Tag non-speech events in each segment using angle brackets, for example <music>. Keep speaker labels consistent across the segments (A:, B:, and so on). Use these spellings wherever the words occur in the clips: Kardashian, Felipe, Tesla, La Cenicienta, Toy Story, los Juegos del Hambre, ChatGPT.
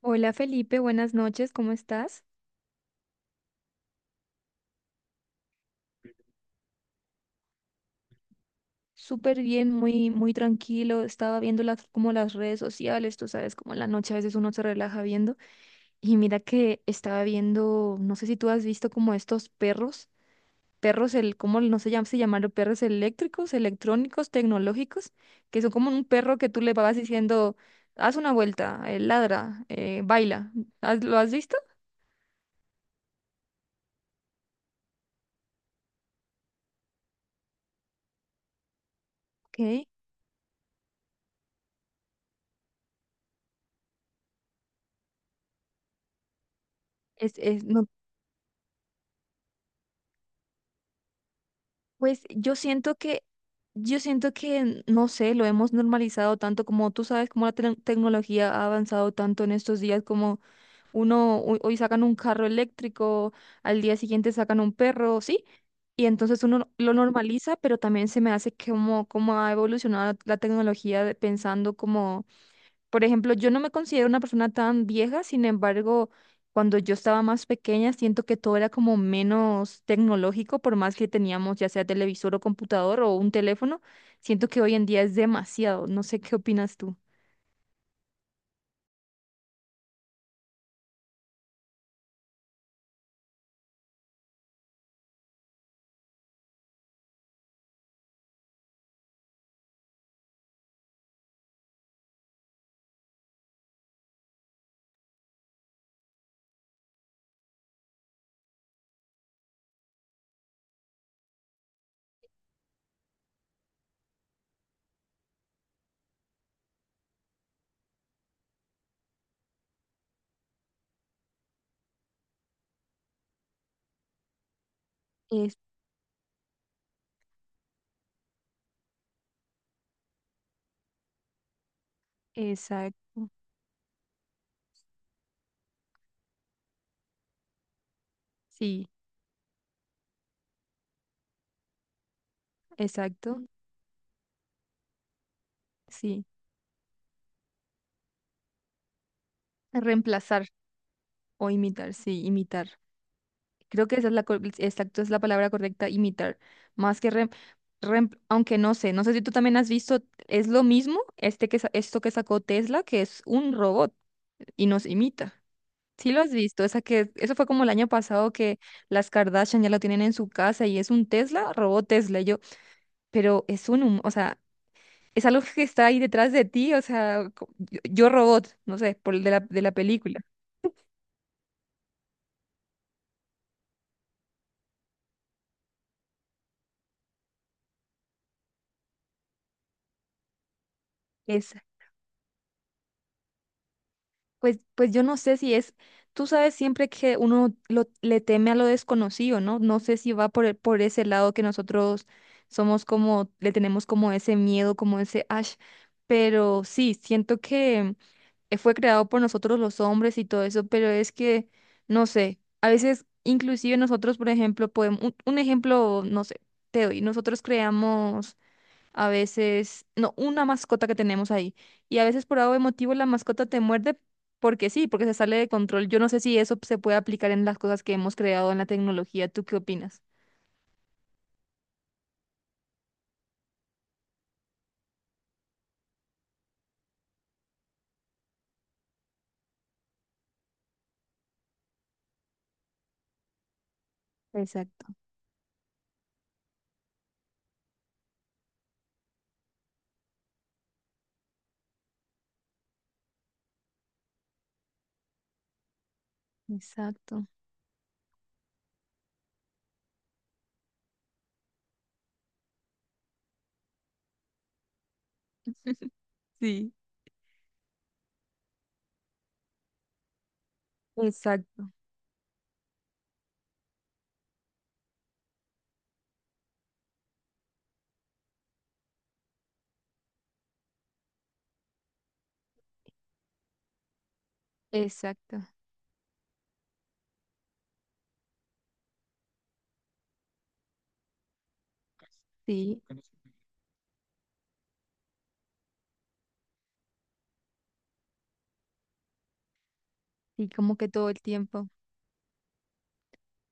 A: Hola Felipe, buenas noches, ¿cómo estás? Súper bien, muy, muy tranquilo. Estaba viendo como las redes sociales, tú sabes, como en la noche a veces uno se relaja viendo. Y mira que estaba viendo, no sé si tú has visto como estos perros, ¿cómo no se llaman? Se llamaron perros eléctricos, electrónicos, tecnológicos, que son como un perro que tú le vas diciendo, haz una vuelta, ladra, baila. ¿Lo has visto? Ok. Es, no. Pues yo siento que, no sé, lo hemos normalizado tanto como tú sabes, como la tecnología ha avanzado tanto en estos días, como uno, hoy sacan un carro eléctrico, al día siguiente sacan un perro, ¿sí? Y entonces uno no, lo normaliza, pero también se me hace que como ha evolucionado la tecnología pensando como. Por ejemplo, yo no me considero una persona tan vieja, sin embargo, cuando yo estaba más pequeña, siento que todo era como menos tecnológico, por más que teníamos ya sea televisor o computador o un teléfono, siento que hoy en día es demasiado. No sé qué opinas tú. Es, exacto. Sí, exacto. Sí. Reemplazar o imitar, sí, imitar. Creo que esa es exacto, es la palabra correcta, imitar. Más que rem, rem- Aunque no sé, no sé si tú también has visto, es lo mismo este esto que sacó Tesla, que es un robot y nos imita. Sí lo has visto, eso fue como el año pasado que las Kardashian ya lo tienen en su casa y es un Tesla, robot Tesla. Y yo, pero o sea, es algo que está ahí detrás de ti, o sea, yo robot, no sé, por el de la película. Pues yo no sé si es, tú sabes siempre que uno le teme a lo desconocido, ¿no? No sé si va por ese lado que nosotros somos como, le tenemos como ese miedo, como ese ash, pero sí, siento que fue creado por nosotros los hombres y todo eso, pero es que, no sé, a veces inclusive nosotros, por ejemplo, podemos, un ejemplo, no sé, te doy, nosotros creamos a veces, no, una mascota que tenemos ahí. Y a veces por algo de motivo la mascota te muerde porque sí, porque se sale de control. Yo no sé si eso se puede aplicar en las cosas que hemos creado en la tecnología. ¿Tú qué opinas? Exacto, exacto. Sí, exacto, exacto. Sí, sí, como que todo el tiempo.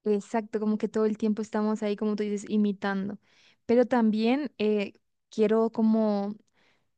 A: Exacto, como que todo el tiempo estamos ahí, como tú dices, imitando. Pero también quiero como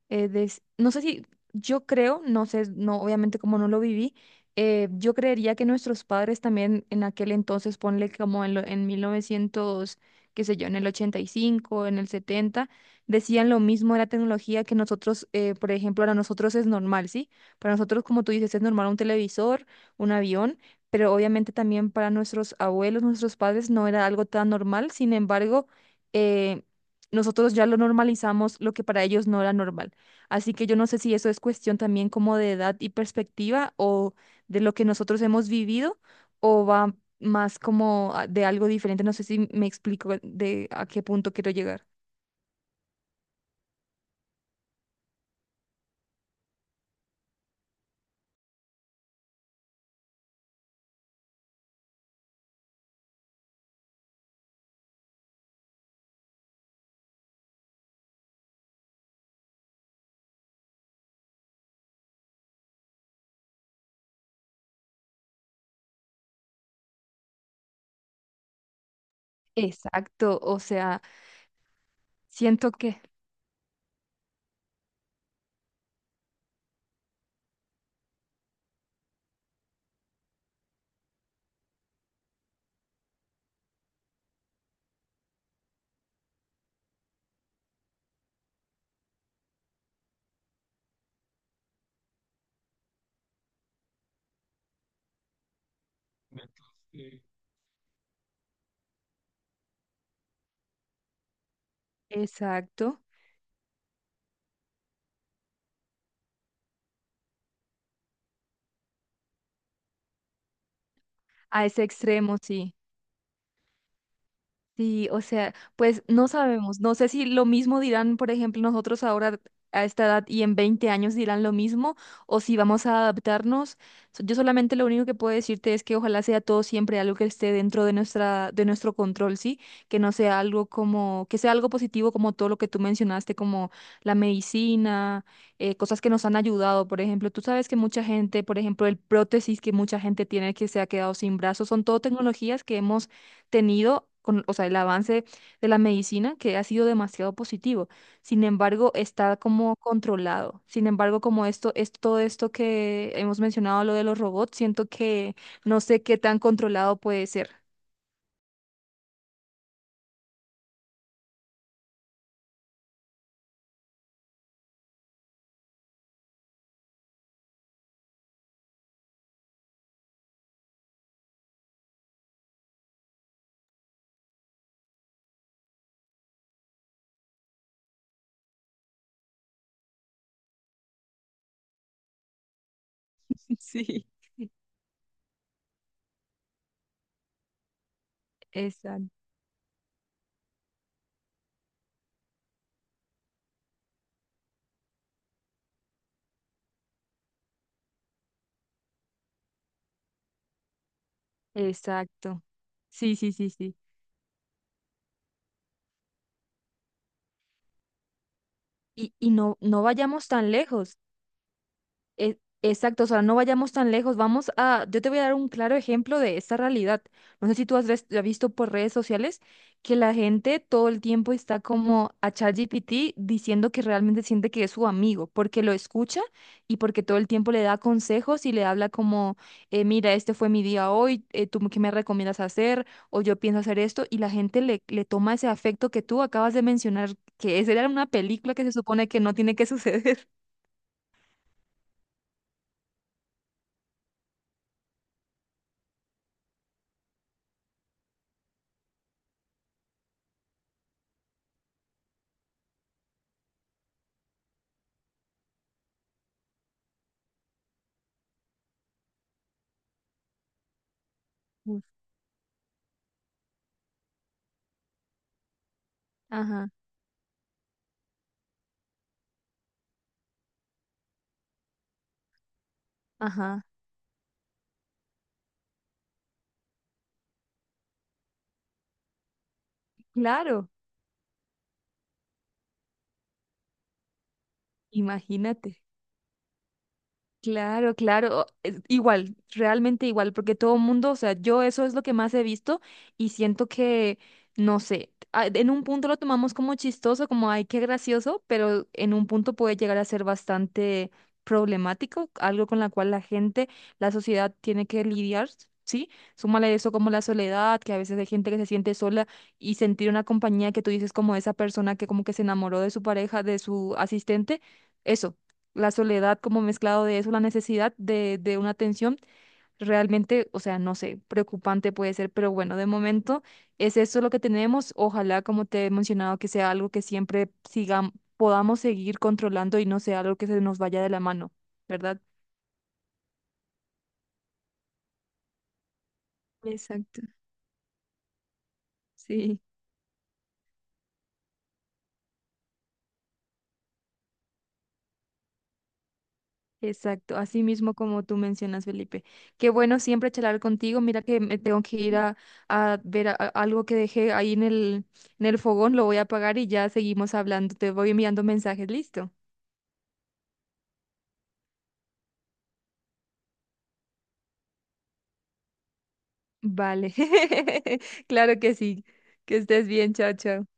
A: no sé si, yo creo, no sé, no, obviamente como no lo viví, yo creería que nuestros padres también en aquel entonces, ponle como en 1900, qué sé yo, en el 85, en el 70 decían lo mismo de la tecnología que nosotros, por ejemplo, para nosotros es normal, ¿sí? Para nosotros, como tú dices, es normal un televisor, un avión. Pero obviamente también para nuestros abuelos, nuestros padres, no era algo tan normal. Sin embargo, eh, nosotros ya lo normalizamos, lo que para ellos no era normal. Así que yo no sé si eso es cuestión también como de edad y perspectiva o de lo que nosotros hemos vivido o va más como de algo diferente. No sé si me explico de a qué punto quiero llegar. Exacto, o sea, siento que, exacto, a ese extremo, sí. Sí, o sea, pues no sabemos, no sé si lo mismo dirán, por ejemplo, nosotros ahora a esta edad y en 20 años dirán lo mismo o si vamos a adaptarnos. Yo solamente lo único que puedo decirte es que ojalá sea todo siempre algo que esté dentro de nuestro control, ¿sí? Que no sea algo como que sea algo positivo como todo lo que tú mencionaste, como la medicina, cosas que nos han ayudado, por ejemplo, tú sabes que mucha gente, por ejemplo, el prótesis que mucha gente tiene que se ha quedado sin brazos, son todo tecnologías que hemos tenido con, o sea, el avance de la medicina que ha sido demasiado positivo. Sin embargo, está como controlado. Sin embargo, como esto es todo esto que hemos mencionado, lo de los robots, siento que no sé qué tan controlado puede ser. <laughs> Sí. Exacto. Exacto. Sí, sí, sí, sí. Y no, no vayamos tan lejos. E- Exacto, o sea, no vayamos tan lejos. Yo te voy a dar un claro ejemplo de esta realidad. No sé si tú has visto por redes sociales que la gente todo el tiempo está como a ChatGPT diciendo que realmente siente que es su amigo, porque lo escucha y porque todo el tiempo le da consejos y le habla como, mira, este fue mi día hoy, ¿tú qué me recomiendas hacer? O yo pienso hacer esto. Y la gente le toma ese afecto que tú acabas de mencionar, que esa era una película que se supone que no tiene que suceder. <laughs> Mm. Ajá, ajá. Claro, imagínate. Claro, claro. Es igual, realmente igual, porque todo el mundo, o sea, yo eso es lo que más he visto y siento que, no sé, en un punto lo tomamos como chistoso, como, ay, qué gracioso, pero en un punto puede llegar a ser bastante problemático, algo con la cual la gente, la sociedad tiene que lidiar, ¿sí? Súmale eso como la soledad, que a veces hay gente que se siente sola y sentir una compañía que tú dices como esa persona que como que se enamoró de su pareja, de su asistente. Eso la soledad como mezclado de eso, la necesidad de una atención, realmente, o sea, no sé, preocupante puede ser, pero bueno, de momento es esto lo que tenemos. Ojalá, como te he mencionado, que sea algo que siempre sigamos, podamos seguir controlando y no sea algo que se nos vaya de la mano, ¿verdad? Exacto, sí. Exacto, así mismo como tú mencionas, Felipe. Qué bueno siempre charlar contigo. Mira que me tengo que ir a ver algo que dejé ahí en el fogón, lo voy a apagar y ya seguimos hablando. Te voy enviando mensajes, ¿listo? Vale, <laughs> claro que sí. Que estés bien, chao, chao.